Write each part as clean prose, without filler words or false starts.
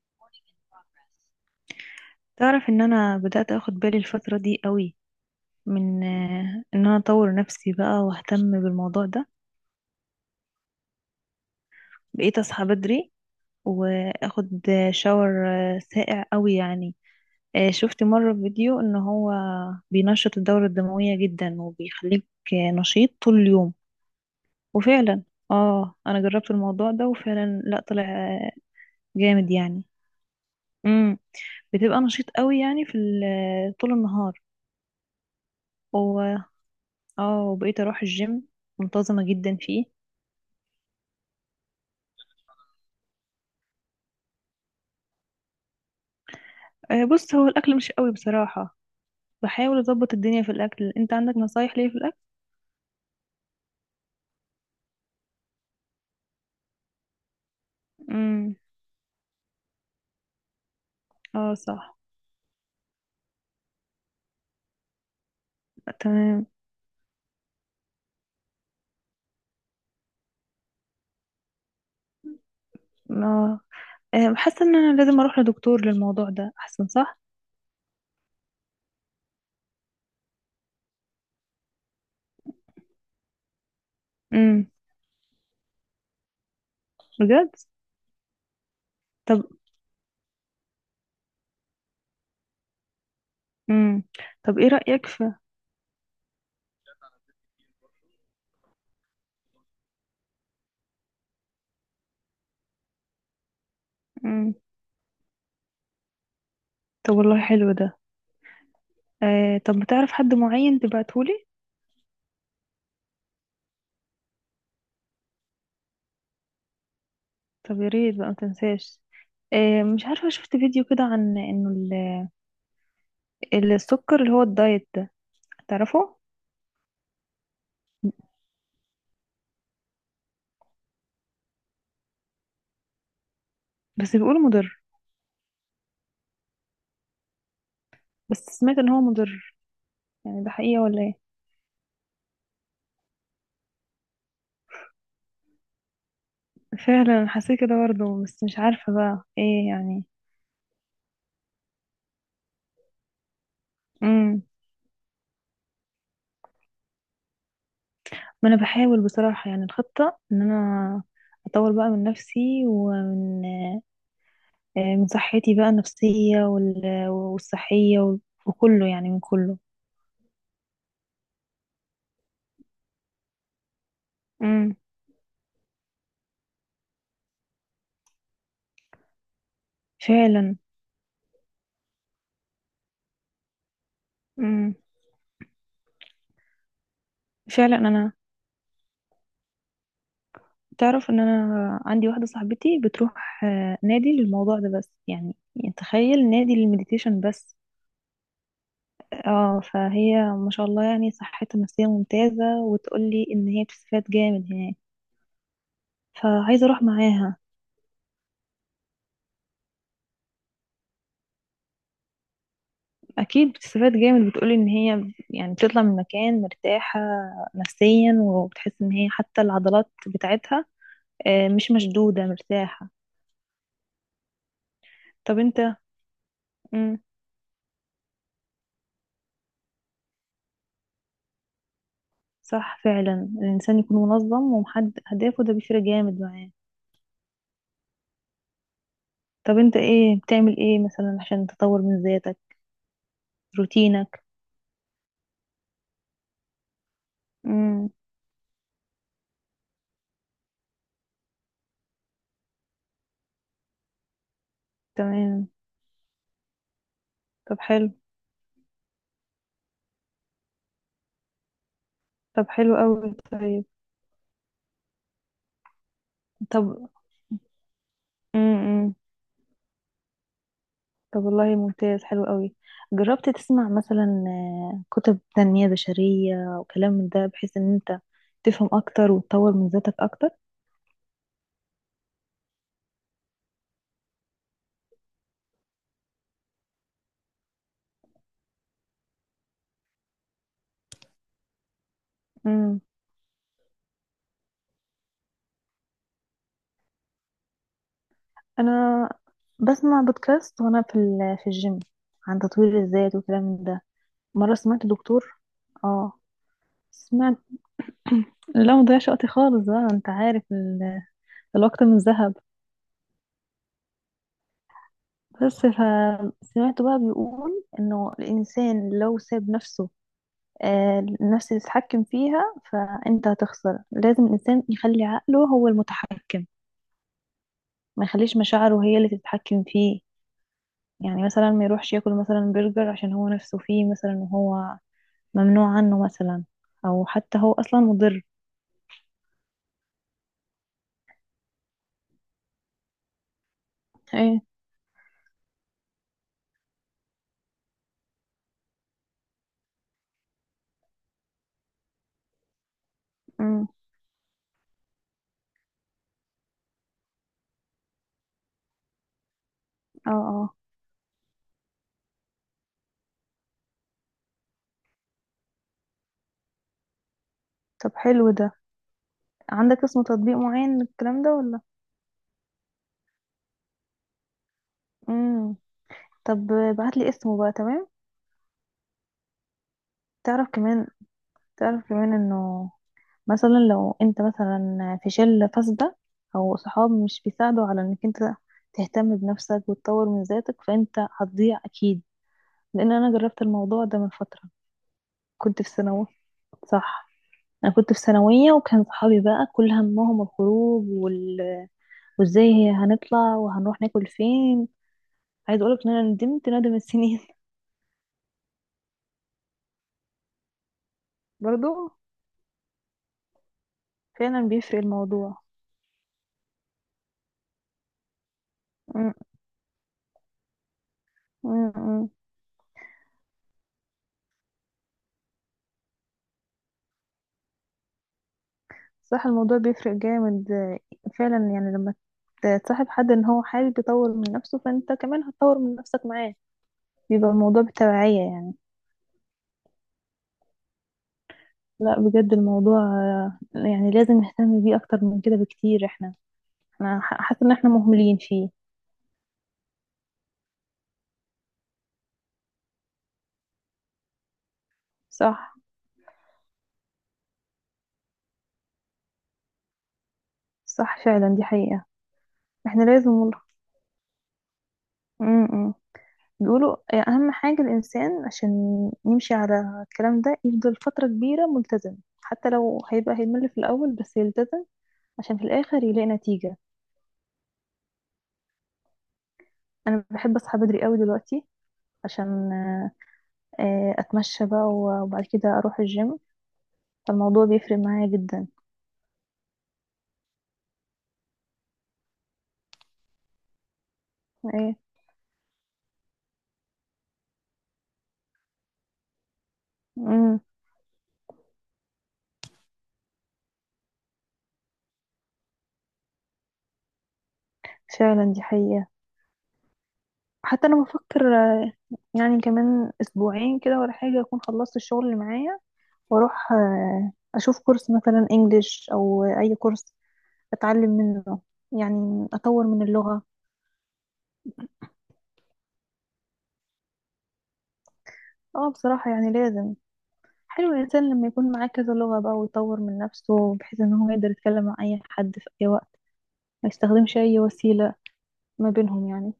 Recording in progress. تعرف ان انا بدأت اخد بالي الفترة دي قوي من ان انا اطور نفسي بقى واهتم بالموضوع ده. بقيت اصحى بدري واخد شاور، ساقع قوي يعني. شفت مرة في فيديو ان هو بينشط الدورة الدموية جدا وبيخليك نشيط طول اليوم. وفعلا اه، انا جربت الموضوع ده وفعلا لا، طلع جامد يعني. امم، بتبقى نشيط قوي يعني في طول النهار. اه، وبقيت اروح الجيم منتظمة جدا فيه. بص، هو الاكل مش قوي بصراحة. بحاول اظبط الدنيا في الاكل. انت عندك نصايح ليا في الاكل؟ امم. اه صح. تمام. اه. حاسة ان انا لازم اروح لدكتور للموضوع ده، احسن صح؟ امم. بجد. طب. امم. طب، ايه رأيك في... امم. طب والله، حلو ده. طب، بتعرف حد معين تبعتهولي؟ طب يا ريت بقى، ما تنساش. مش عارفة، شفت فيديو كده عن انه السكر اللي هو الدايت ده، تعرفه؟ بس بيقولوا مضر. بس سمعت ان هو مضر، يعني ده حقيقة ولا ايه؟ فعلا حسيت كده برضه، بس مش عارفة بقى ايه يعني. امم. ما انا بحاول بصراحة، يعني الخطة ان انا اطور بقى من نفسي، ومن من صحتي بقى النفسية، والصحية، وكله يعني، من كله. امم. فعلا. امم. فعلا. انا تعرف ان انا عندي واحدة صاحبتي بتروح نادي للموضوع ده، بس يعني، تخيل، نادي للمديتيشن بس. اه، فهي ما شاء الله يعني، صحتها النفسية ممتازة، وتقولي ان هي بتستفاد جامد هناك. فعايزة اروح معاها. اكيد بتستفاد جامد، بتقولي ان هي يعني بتطلع من مكان مرتاحة نفسيا، وبتحس ان هي حتى العضلات بتاعتها مش مشدودة، مرتاحة. طب انت... مم. صح، فعلا الانسان يكون منظم ومحدد اهدافه ده بيفرق جامد معاه. طب انت ايه بتعمل ايه مثلا عشان تطور من ذاتك؟ روتينك؟ مم. تمام. طب حلو. طب حلو قوي. طيب. طب. امم. طب والله، ممتاز، حلو قوي. جربت تسمع مثلا كتب تنمية بشرية وكلام من ده، بحيث ان انت تفهم اكتر وتطور من ذاتك اكتر؟ امم. انا بسمع بودكاست وانا في في الجيم، عن تطوير الذات وكلام من ده. مرة سمعت دكتور. اه. سمعت لا، مضيعش وقتي خالص بقى، انت عارف الوقت من ذهب. بس فسمعت بقى بيقول انه الانسان لو ساب نفسه النفس تتحكم فيها فانت هتخسر. لازم الانسان يخلي عقله هو المتحكم، ما يخليش مشاعره هي اللي تتحكم فيه. يعني مثلا ما يروحش ياكل مثلا برجر عشان هو نفسه فيه مثلا، وهو ممنوع عنه مثلا، او حتى هو اصلا مضر. ايه. امم. اه. اه. طب حلو ده. عندك اسم تطبيق معين للكلام ده ولا؟ امم. طب ابعتلي اسمه بقى، تمام؟ تعرف كمان تعرف كمان انه، مثلا لو انت مثلا في شلة فاسدة، او صحاب مش بيساعدوا على انك انت تهتم بنفسك وتطور من ذاتك، فانت هتضيع اكيد. لان انا جربت الموضوع ده من فترة، كنت في ثانوي. صح. انا كنت في ثانوية، وكان صحابي بقى كل همهم الخروج وازاي هنطلع، وهنروح ناكل فين. عايز اقولك ان انا ندمت ندم السنين برضو. فعلا بيفرق الموضوع. م- م- م. صح، الموضوع بيفرق جامد فعلا. يعني لما تصاحب حد ان هو حابب يطور من نفسه، فانت كمان هتطور من نفسك معاه، بيبقى الموضوع بالتبعية يعني. لا بجد، الموضوع يعني لازم نهتم بيه اكتر من كده بكتير احنا. انا حاسة ان احنا مهملين فيه. صح. صح فعلا، دي حقيقة. احنا لازم والله. م- م. بيقولوا أهم حاجة الإنسان عشان يمشي على الكلام ده، يفضل فترة كبيرة ملتزم، حتى لو هيبقى هيمل في الأول بس يلتزم، عشان في الاخر يلاقي نتيجة. انا بحب اصحى بدري قوي دلوقتي عشان اتمشى بقى، وبعد كده اروح الجيم، فالموضوع بيفرق معايا جدا. ايه. امم. فعلا دي حقيقة. حتى انا بفكر يعني كمان اسبوعين كده ولا حاجة، اكون خلصت الشغل اللي معايا، واروح اشوف كورس مثلا انجليش او اي كورس اتعلم منه، يعني اطور من اللغة. اه بصراحة يعني لازم. حلو الإنسان لما يكون معاه كذا لغة بقى، ويطور من نفسه، بحيث إن هو يقدر يتكلم مع أي حد في أي وقت، ما يستخدمش أي وسيلة ما بينهم يعني.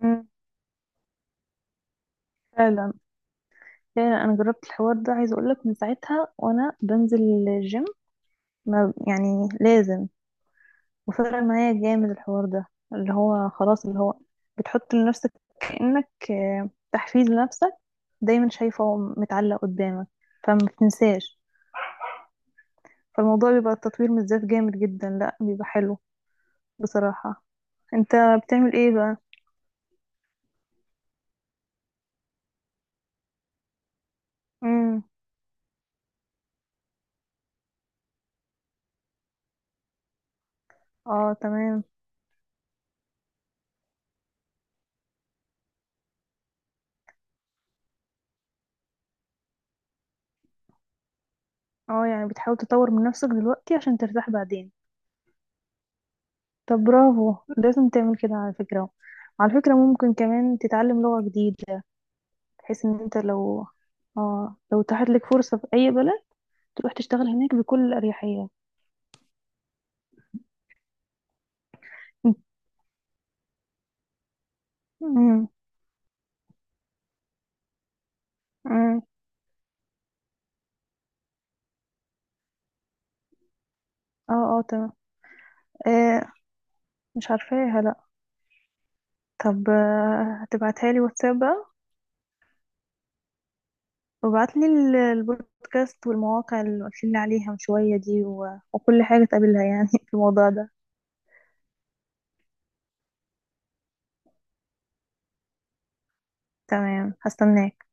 مم. فعلا، فعلا أنا جربت الحوار ده. عايزة أقولك، من ساعتها وأنا بنزل الجيم، ما يعني لازم، وفرق معايا جامد الحوار ده. اللي هو خلاص، اللي هو بتحط لنفسك كأنك تحفيز لنفسك، دايما شايفه متعلق قدامك، فما بتنساش. فالموضوع بيبقى التطوير من الذات جامد جدا، لا بيبقى حلو بصراحة. انت بتعمل ايه بقى؟ امم. اه تمام. اه، يعني بتحاول تطور من نفسك دلوقتي عشان ترتاح بعدين؟ طب برافو، لازم تعمل كده على فكرة. على فكرة، ممكن كمان تتعلم لغة جديدة، بحيث ان انت لو اتاحت لك فرصة في اي بلد، تروح تشتغل هناك بكل اريحية. امم. امم. اه. اه تمام. آه مش عارفاها لا. طب هتبعتها لي واتساب بقى. وبعتلي البودكاست والمواقع اللي قلتلي عليها من شوية دي وكل حاجة تقابلها يعني في الموضوع ده. تمام، هستناك.